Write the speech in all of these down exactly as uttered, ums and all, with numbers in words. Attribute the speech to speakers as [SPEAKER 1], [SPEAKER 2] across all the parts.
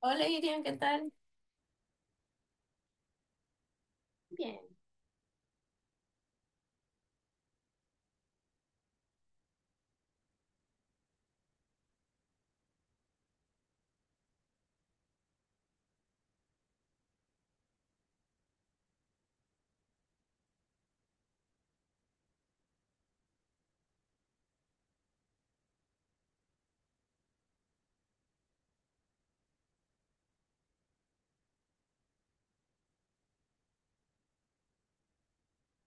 [SPEAKER 1] Hola, Irian, ¿qué tal? Bien.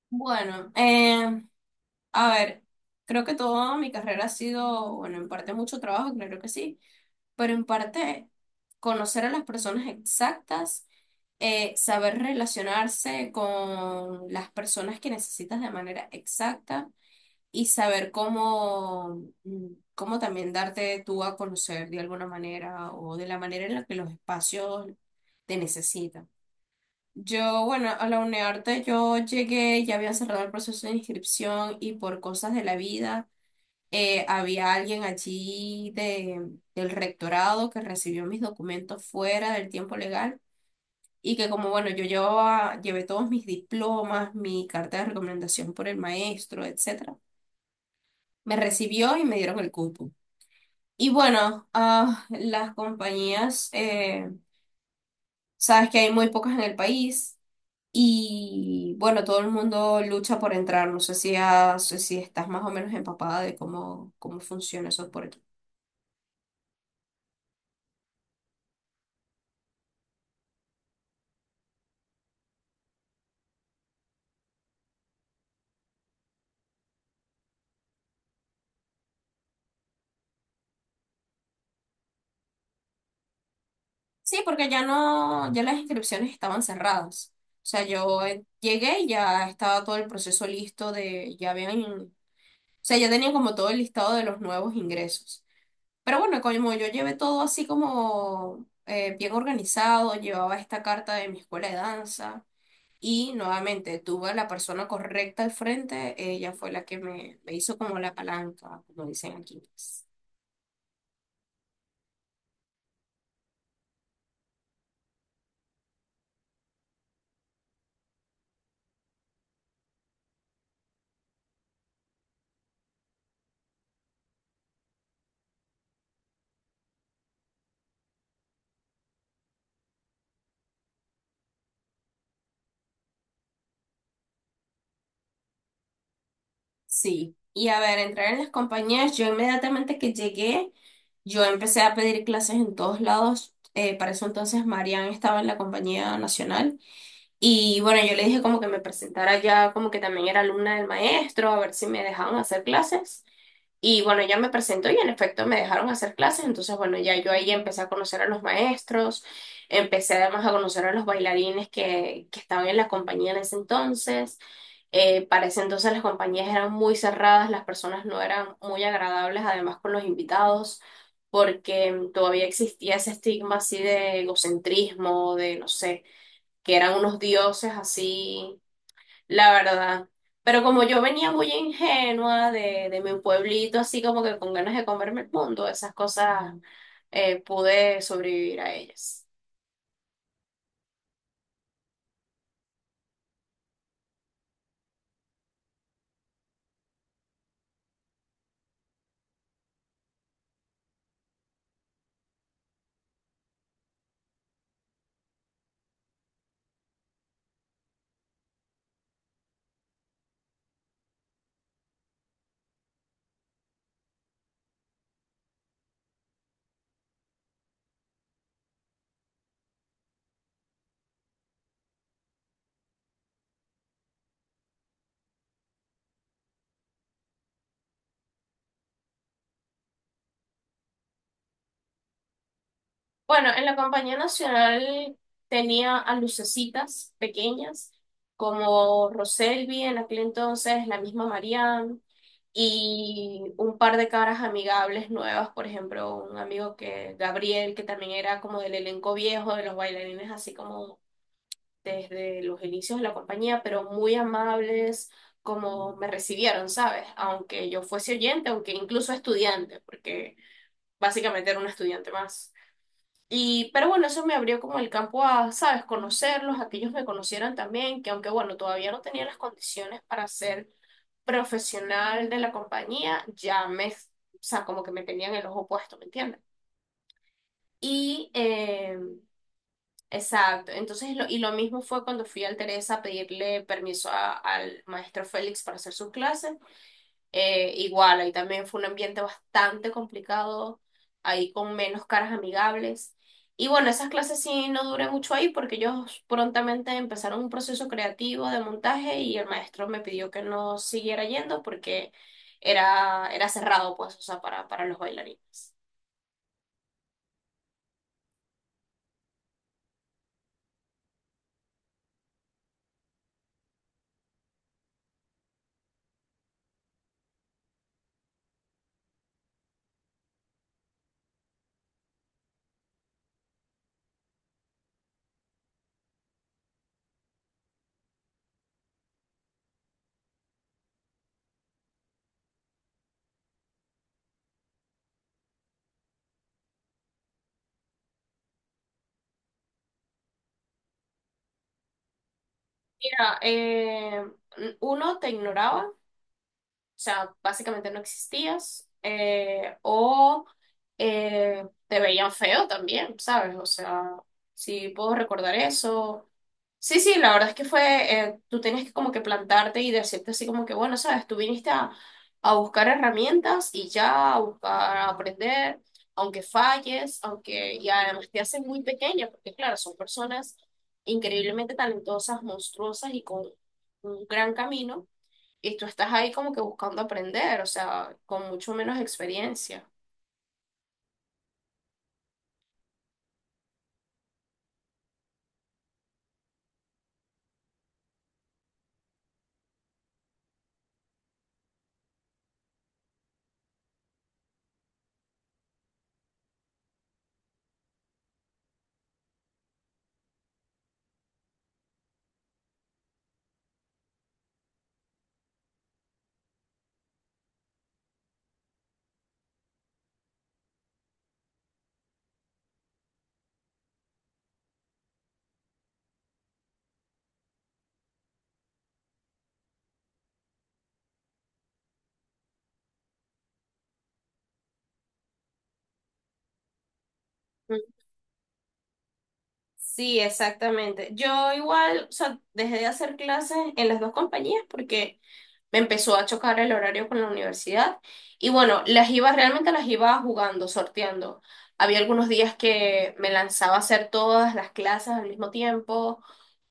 [SPEAKER 1] Bueno, eh, a ver, creo que toda mi carrera ha sido, bueno, en parte mucho trabajo, claro que sí, pero en parte conocer a las personas exactas, eh, saber relacionarse con las personas que necesitas de manera exacta y saber cómo, mm, cómo también darte tú a conocer de alguna manera o de la manera en la que los espacios te necesitan. Yo, bueno, a la UNEARTE yo llegué, ya había cerrado el proceso de inscripción y por cosas de la vida, eh, había alguien allí de, del rectorado que recibió mis documentos fuera del tiempo legal y que como, bueno, yo llevaba, llevé todos mis diplomas, mi carta de recomendación por el maestro, etcétera, me recibió y me dieron el cupo. Y bueno, ah, las compañías, eh, sabes que hay muy pocas en el país. Y bueno, todo el mundo lucha por entrar. No sé si, has- si si estás más o menos empapada de cómo, cómo funciona eso por aquí. Sí, porque ya no, ya las inscripciones estaban cerradas. O sea, yo eh, llegué y ya estaba todo el proceso listo de, ya habían, o sea, ya tenían como todo el listado de los nuevos ingresos. Pero bueno, como yo llevé todo así como eh, bien organizado, llevaba esta carta de mi escuela de danza. Y nuevamente tuve a la persona correcta al frente, ella fue la que me, me hizo como la palanca, como dicen aquí, pues. Sí, y a ver, entrar en las compañías, yo inmediatamente que llegué, yo empecé a pedir clases en todos lados. Eh, para eso entonces Marian estaba en la compañía nacional y bueno, yo le dije como que me presentara ya, como que también era alumna del maestro, a ver si me dejaban hacer clases. Y bueno, ya me presentó y en efecto me dejaron hacer clases, entonces bueno, ya yo ahí empecé a conocer a los maestros, empecé además a conocer a los bailarines que, que estaban en la compañía en ese entonces. Eh, para ese entonces las compañías eran muy cerradas, las personas no eran muy agradables, además con los invitados, porque todavía existía ese estigma así de egocentrismo, de no sé, que eran unos dioses así, la verdad. Pero como yo venía muy ingenua de, de mi pueblito, así como que con ganas de comerme el mundo, esas cosas, eh, pude sobrevivir a ellas. Bueno, en la Compañía Nacional tenía a lucecitas pequeñas, como Roselvi en aquel entonces, la misma Marianne, y un par de caras amigables nuevas, por ejemplo, un amigo que, Gabriel, que también era como del elenco viejo, de los bailarines así como desde los inicios de la compañía, pero muy amables como me recibieron, ¿sabes? Aunque yo fuese oyente, aunque incluso estudiante, porque básicamente era una estudiante más. Y, pero bueno, eso me abrió como el campo a, ¿sabes? Conocerlos, a que ellos me conocieran también, que aunque bueno, todavía no tenía las condiciones para ser profesional de la compañía, ya me, o sea, como que me tenían el ojo puesto, ¿me entiendes? Y em, exacto. Entonces, lo- y lo mismo fue cuando fui al Teresa a pedirle permiso a- al maestro Félix para hacer sus clases. Eh, igual, ahí también fue un ambiente bastante complicado, ahí con menos caras amigables. Y bueno, esas clases sí no duré mucho ahí porque ellos prontamente empezaron un proceso creativo de montaje y el maestro me pidió que no siguiera yendo porque era, era cerrado, pues, o sea, para, para los bailarines. Mira, eh, uno te ignoraba. O sea, básicamente no existías. Eh, o eh, te veían feo también, ¿sabes? O sea, sí puedo recordar eso. Sí, sí, la verdad es que fue, eh, tú tenías que como que plantarte y decirte así como que, bueno, ¿sabes? Tú viniste a, a buscar herramientas y ya, a buscar, a aprender, aunque falles, aunque, y además te hacen muy pequeña, porque claro, son personas increíblemente talentosas, monstruosas y con un gran camino y tú estás ahí como que buscando aprender, o sea, con mucho menos experiencia. Mm. Sí, exactamente. Yo igual, o sea, dejé de hacer clases en las dos compañías porque me empezó a chocar el horario con la universidad y bueno, las iba, realmente las iba jugando, sorteando. Había algunos días que me lanzaba a hacer todas las clases al mismo tiempo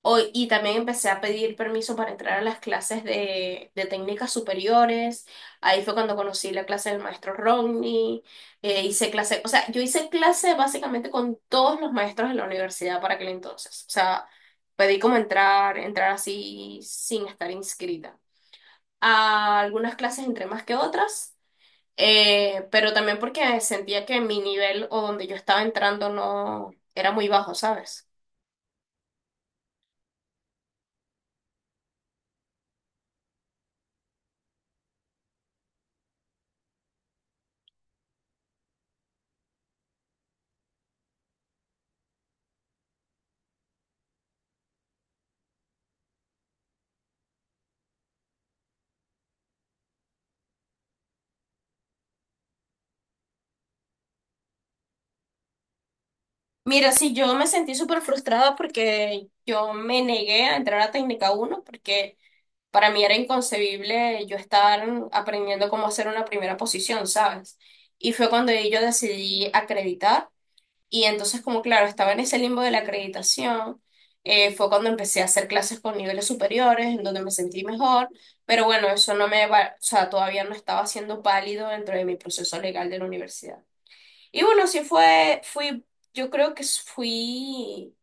[SPEAKER 1] o- y también empecé a pedir permiso para entrar a las clases de, de técnicas superiores. Ahí fue cuando conocí la clase del maestro Romney, eh, hice clase, o sea, yo hice clase básicamente con todos los maestros de la universidad para aquel entonces. O sea, pedí como entrar, entrar así sin estar inscrita a algunas clases entre más que otras, eh, pero también porque sentía que mi nivel o donde yo estaba entrando no era muy bajo, ¿sabes? Mira, sí, yo me sentí súper frustrada porque yo me negué a entrar a técnica uno porque para mí era inconcebible yo estar aprendiendo cómo hacer una primera posición, ¿sabes? Y fue cuando yo decidí acreditar. Y entonces, como claro, estaba en ese limbo de la acreditación, eh, fue cuando empecé a hacer clases con niveles superiores, en donde me sentí mejor, pero bueno, eso no me va, o sea, todavía no estaba siendo válido dentro de mi proceso legal de la universidad. Y bueno, sí fue, fui, yo creo que fui,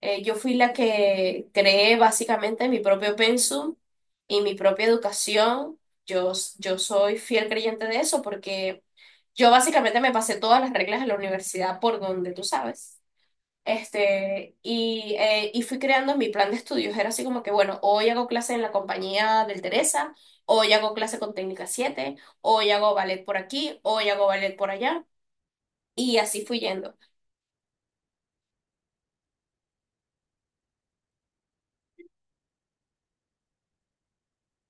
[SPEAKER 1] eh, yo fui la que creé básicamente mi propio pensum y mi propia educación. Yo, yo soy fiel creyente de eso porque yo básicamente me pasé todas las reglas de la universidad por donde tú sabes. Este, y, eh, y fui creando mi plan de estudios. Era así como que, bueno, hoy hago clase en la compañía del Teresa, hoy hago clase con Técnica siete, hoy hago ballet por aquí, hoy hago ballet por allá. Y así fui yendo.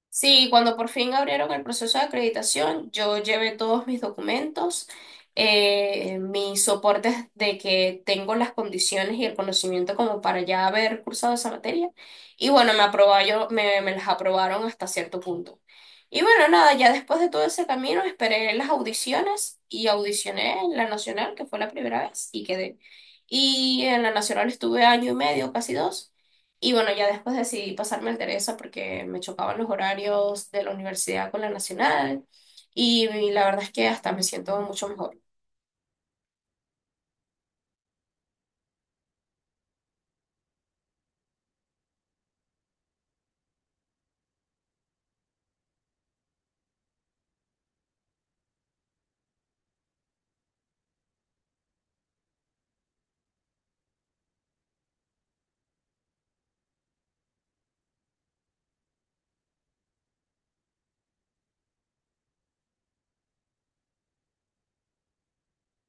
[SPEAKER 1] Sí, cuando por fin abrieron el proceso de acreditación, yo llevé todos mis documentos, eh, mis soportes de que tengo las condiciones y el conocimiento como para ya haber cursado esa materia. Y bueno, me aprobaron, me, me las aprobaron hasta cierto punto. Y bueno, nada, ya después de todo ese camino esperé las audiciones y audicioné en la nacional, que fue la primera vez, y quedé. Y en la nacional estuve año y medio, casi dos. Y bueno, ya después decidí pasarme al Teresa porque me chocaban los horarios de la universidad con la nacional y la verdad es que hasta me siento mucho mejor.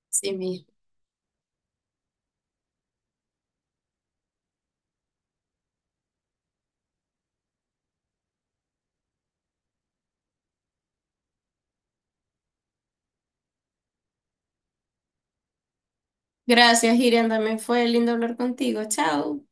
[SPEAKER 1] Sí, mismo. Gracias, Irian, también fue lindo hablar contigo. Chao.